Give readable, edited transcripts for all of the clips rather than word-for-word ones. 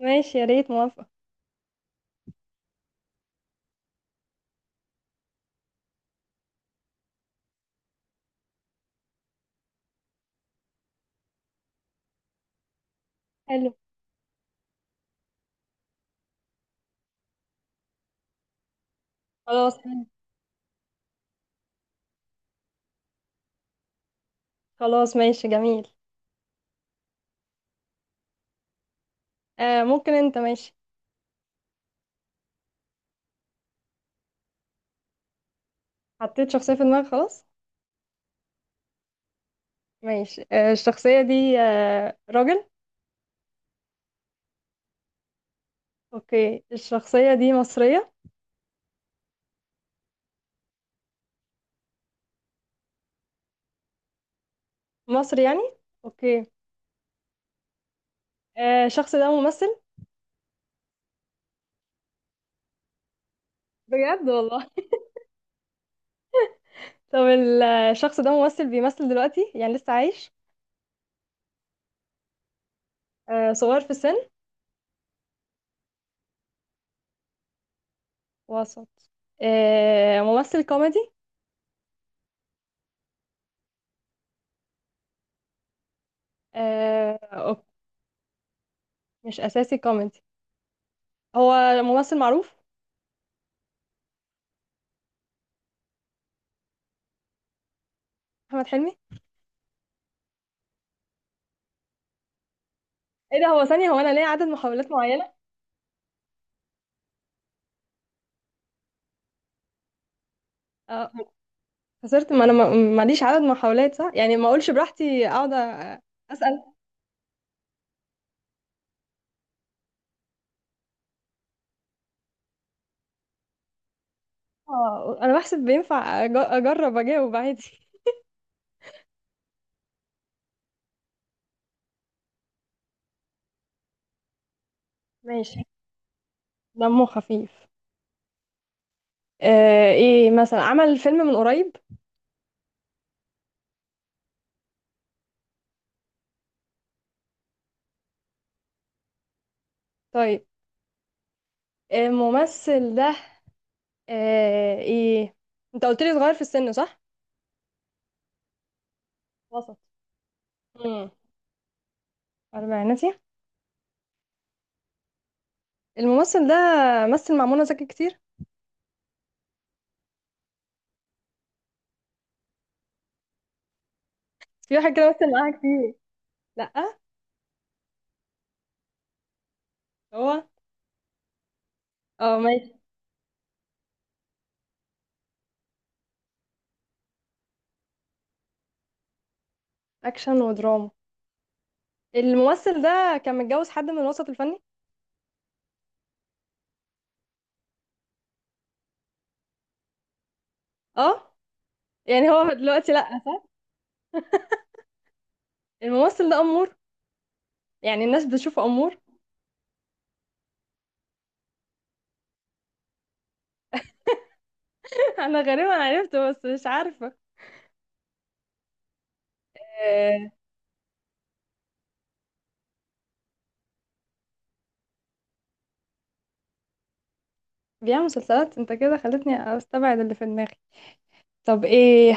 ماشي، يا ريت موافقة. حلو. خلاص، خلاص، ماشي، جميل. آه، ممكن انت ماشي. حطيت شخصية في دماغك؟ خلاص. ماشي، آه الشخصية دي آه راجل؟ اوكي، الشخصية دي مصرية؟ مصر يعني. اوكي. آه، الشخص ده ممثل؟ بجد والله. طب الشخص ده ممثل بيمثل دلوقتي، يعني لسه عايش؟ آه، صغير في السن؟ وسط. آه، ممثل كوميدي؟ آه، أوكي. مش أساسي كوميدي. هو ممثل معروف. أحمد حلمي؟ ايه ده، هو ثانية، هو انا ليا عدد محاولات معينة؟ اه، خسرت. ما انا ماليش عدد محاولات، صح؟ يعني ما اقولش براحتي اقعد اسأل. اه، انا بحسب بينفع اجرب اجاوب عادي. ماشي، دمه خفيف. آه، ايه مثلا عمل فيلم من قريب؟ طيب. آه، الممثل ده آه ايه، انت قلت لي صغير في السن، صح؟ وسط. امم. اربعيناتي. الممثل ده مثل مع منى زكي كتير. في واحد كده مثل معاها كتير. لا. هو. اه ماشي. اكشن ودراما. الممثل ده كان متجوز حد من الوسط الفني. اه. يعني هو دلوقتي لا. الممثل ده امور. يعني الناس بتشوفه امور. انا غالبا عرفته بس مش عارفه. آه، بيعمل مسلسلات، انت كده خلتني استبعد اللي في دماغي. طب ايه.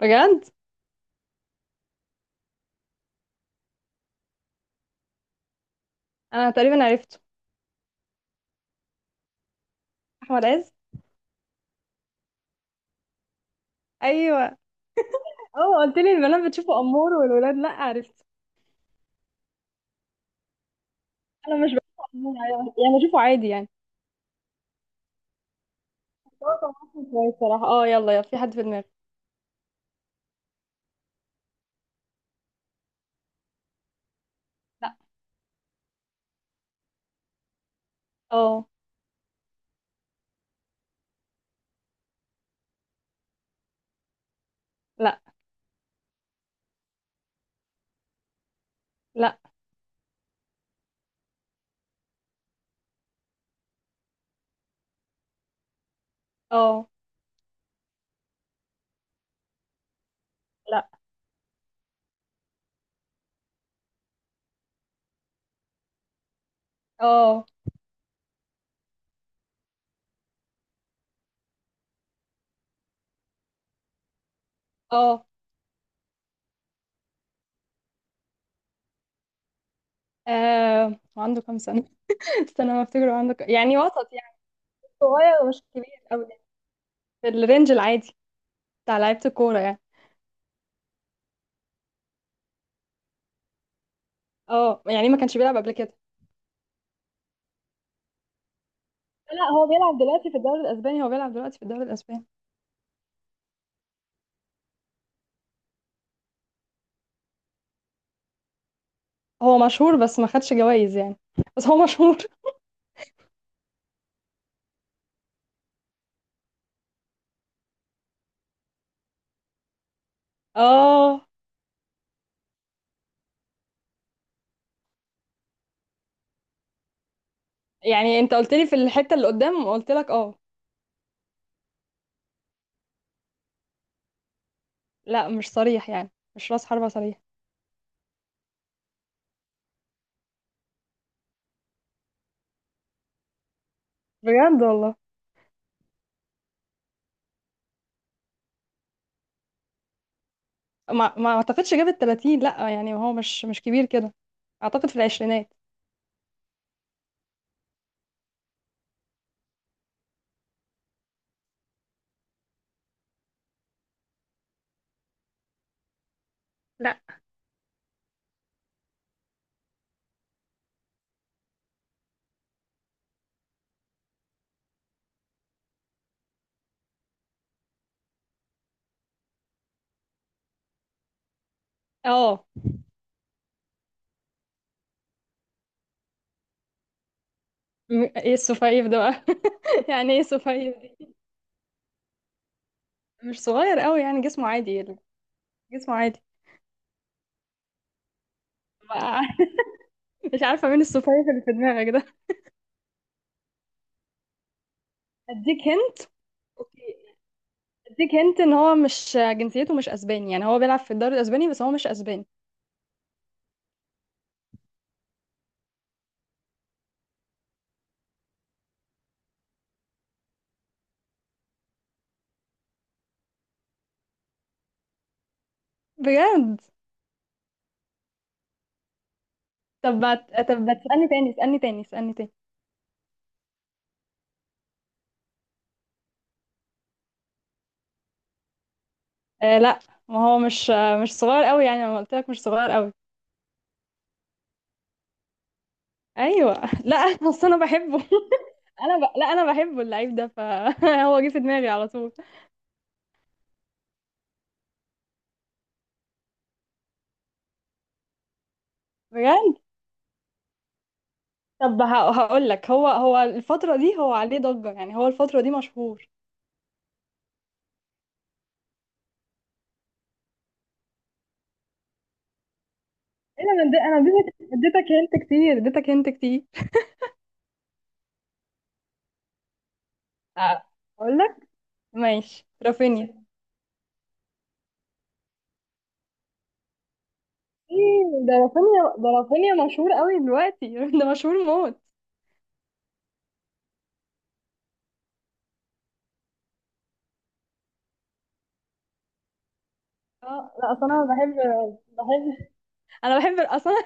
بجد. انا تقريبا عرفته. احمد عز. ايوه. اه، قلت لي البنات بتشوفه امور والولاد لا، عرفت. انا مش بشوفه امور، يعني بشوفه عادي يعني. بس هو كان ممثل كويس صراحه. اه، يلا يلا، في حد في دماغي. لا. اه. لا، لا. اه. لا. اه. اه. آه، عنده كام سنة؟ استنى، ما افتكره عنده كام، يعني وسط يعني. صغير ومش كبير قوي يعني. في الرينج العادي بتاع لعيبة الكورة يعني. اه، يعني ما كانش بيلعب قبل كده. لا، هو بيلعب دلوقتي في الدوري الأسباني، هو بيلعب دلوقتي في الدوري الأسباني. هو مشهور بس ما خدش جوائز يعني. بس هو مشهور. اه، يعني انت قلت لي في الحتة اللي قدام، قلت لك اه. لا، مش صريح يعني. مش راس حربة صريح. بجد والله. ما اعتقدش جاب ال 30، لا، يعني هو مش كبير كده. اعتقد في العشرينات. لا. اه. ايه السفايف ده بقى. يعني ايه السفايف دي. مش صغير قوي يعني، جسمه عادي. جسمه عادي. بقى- مش عارفه مين السفايف اللي في دماغك ده. اديك هنت. اوكي. اديك هنت ان هو مش، جنسيته مش اسباني، يعني هو بيلعب في الدوري الاسباني بس هو مش اسباني. بجد. طب ما طب ما تسالني تاني، اسالني تاني، اسالني تاني. آه، لا. ما هو مش صغير قوي، يعني انا قلت لك مش صغير قوي. ايوه. لا، اصل انا بحبه. لا، انا بحبه، اللعيب ده، فهو جه في دماغي على طول. بجد. طب هقول لك، هو الفترة دي هو عليه ضجة، يعني هو الفترة دي مشهور. ايه ده، انا اديتك هنت كتير، اديتك هنت كتير. أ- اقول لك. ماشي، رافينيا. ايه ده رافينيا مشهور قوي دلوقتي. ده مشهور موت. اه، لا، اصل انا بحب. انا بحب اصلا.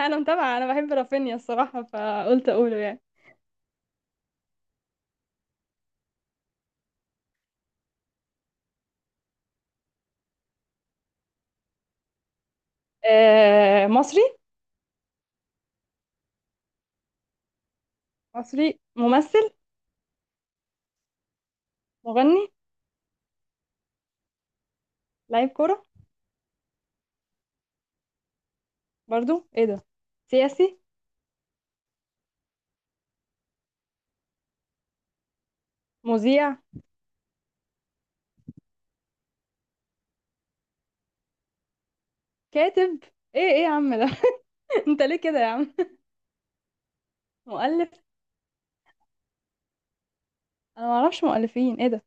انا متابعة، انا بحب رافينيا الصراحة فقلت اقوله يعني. آه، مصري. مصري ممثل. مغني. لعيب كرة. برضو ايه ده. سياسي. مذيع. كاتب. ايه ايه يا عم ده. انت ليه كده يا عم. مؤلف. انا ما اعرفش مؤلفين، ايه ده.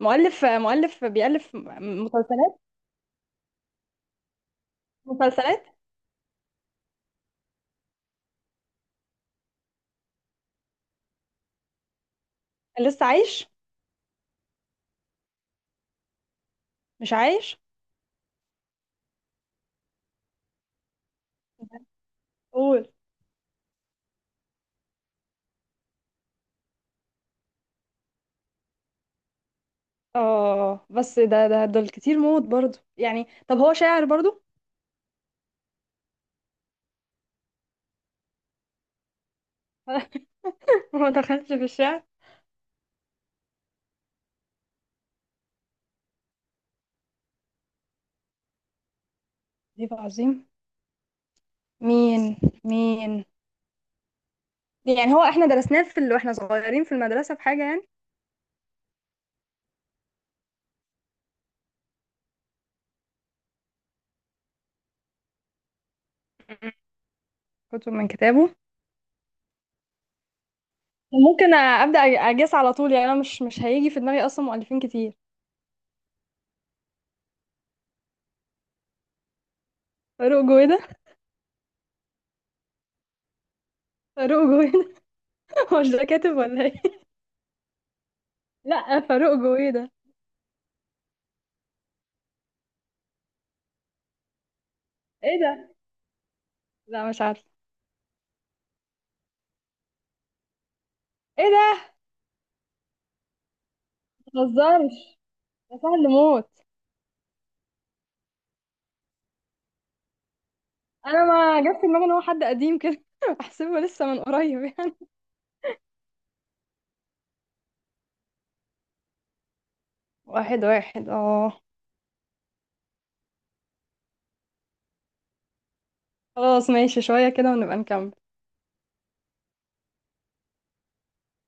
مؤلف بيألف مسلسلات. مسلسلات. لسه عايش. مش عايش. قول. اه، بس ده ده دول كتير موت برضو يعني. طب هو شاعر برضو. ما دخلش في الشعر. عجيب عظيم. مين؟ مين؟ يعني هو احنا درسناه واحنا صغيرين في المدرسة في حاجة يعني. م- كتب من كتابه. ممكن ابدا اجس على طول يعني، انا مش هيجي في دماغي اصلا مؤلفين كتير. فاروق جويدة. فاروق جويدة. هو مش ده كاتب ولا ايه. لا، فاروق جويدة. ايه ده. لا، مش عارفه. ايه ده. متهزرش، ده سهل موت. انا ما جت في دماغي ان هو حد قديم كده، بحسبه لسه من قريب يعني. واحد واحد، اه. خلاص ماشي، شوية كده ونبقى نكمل.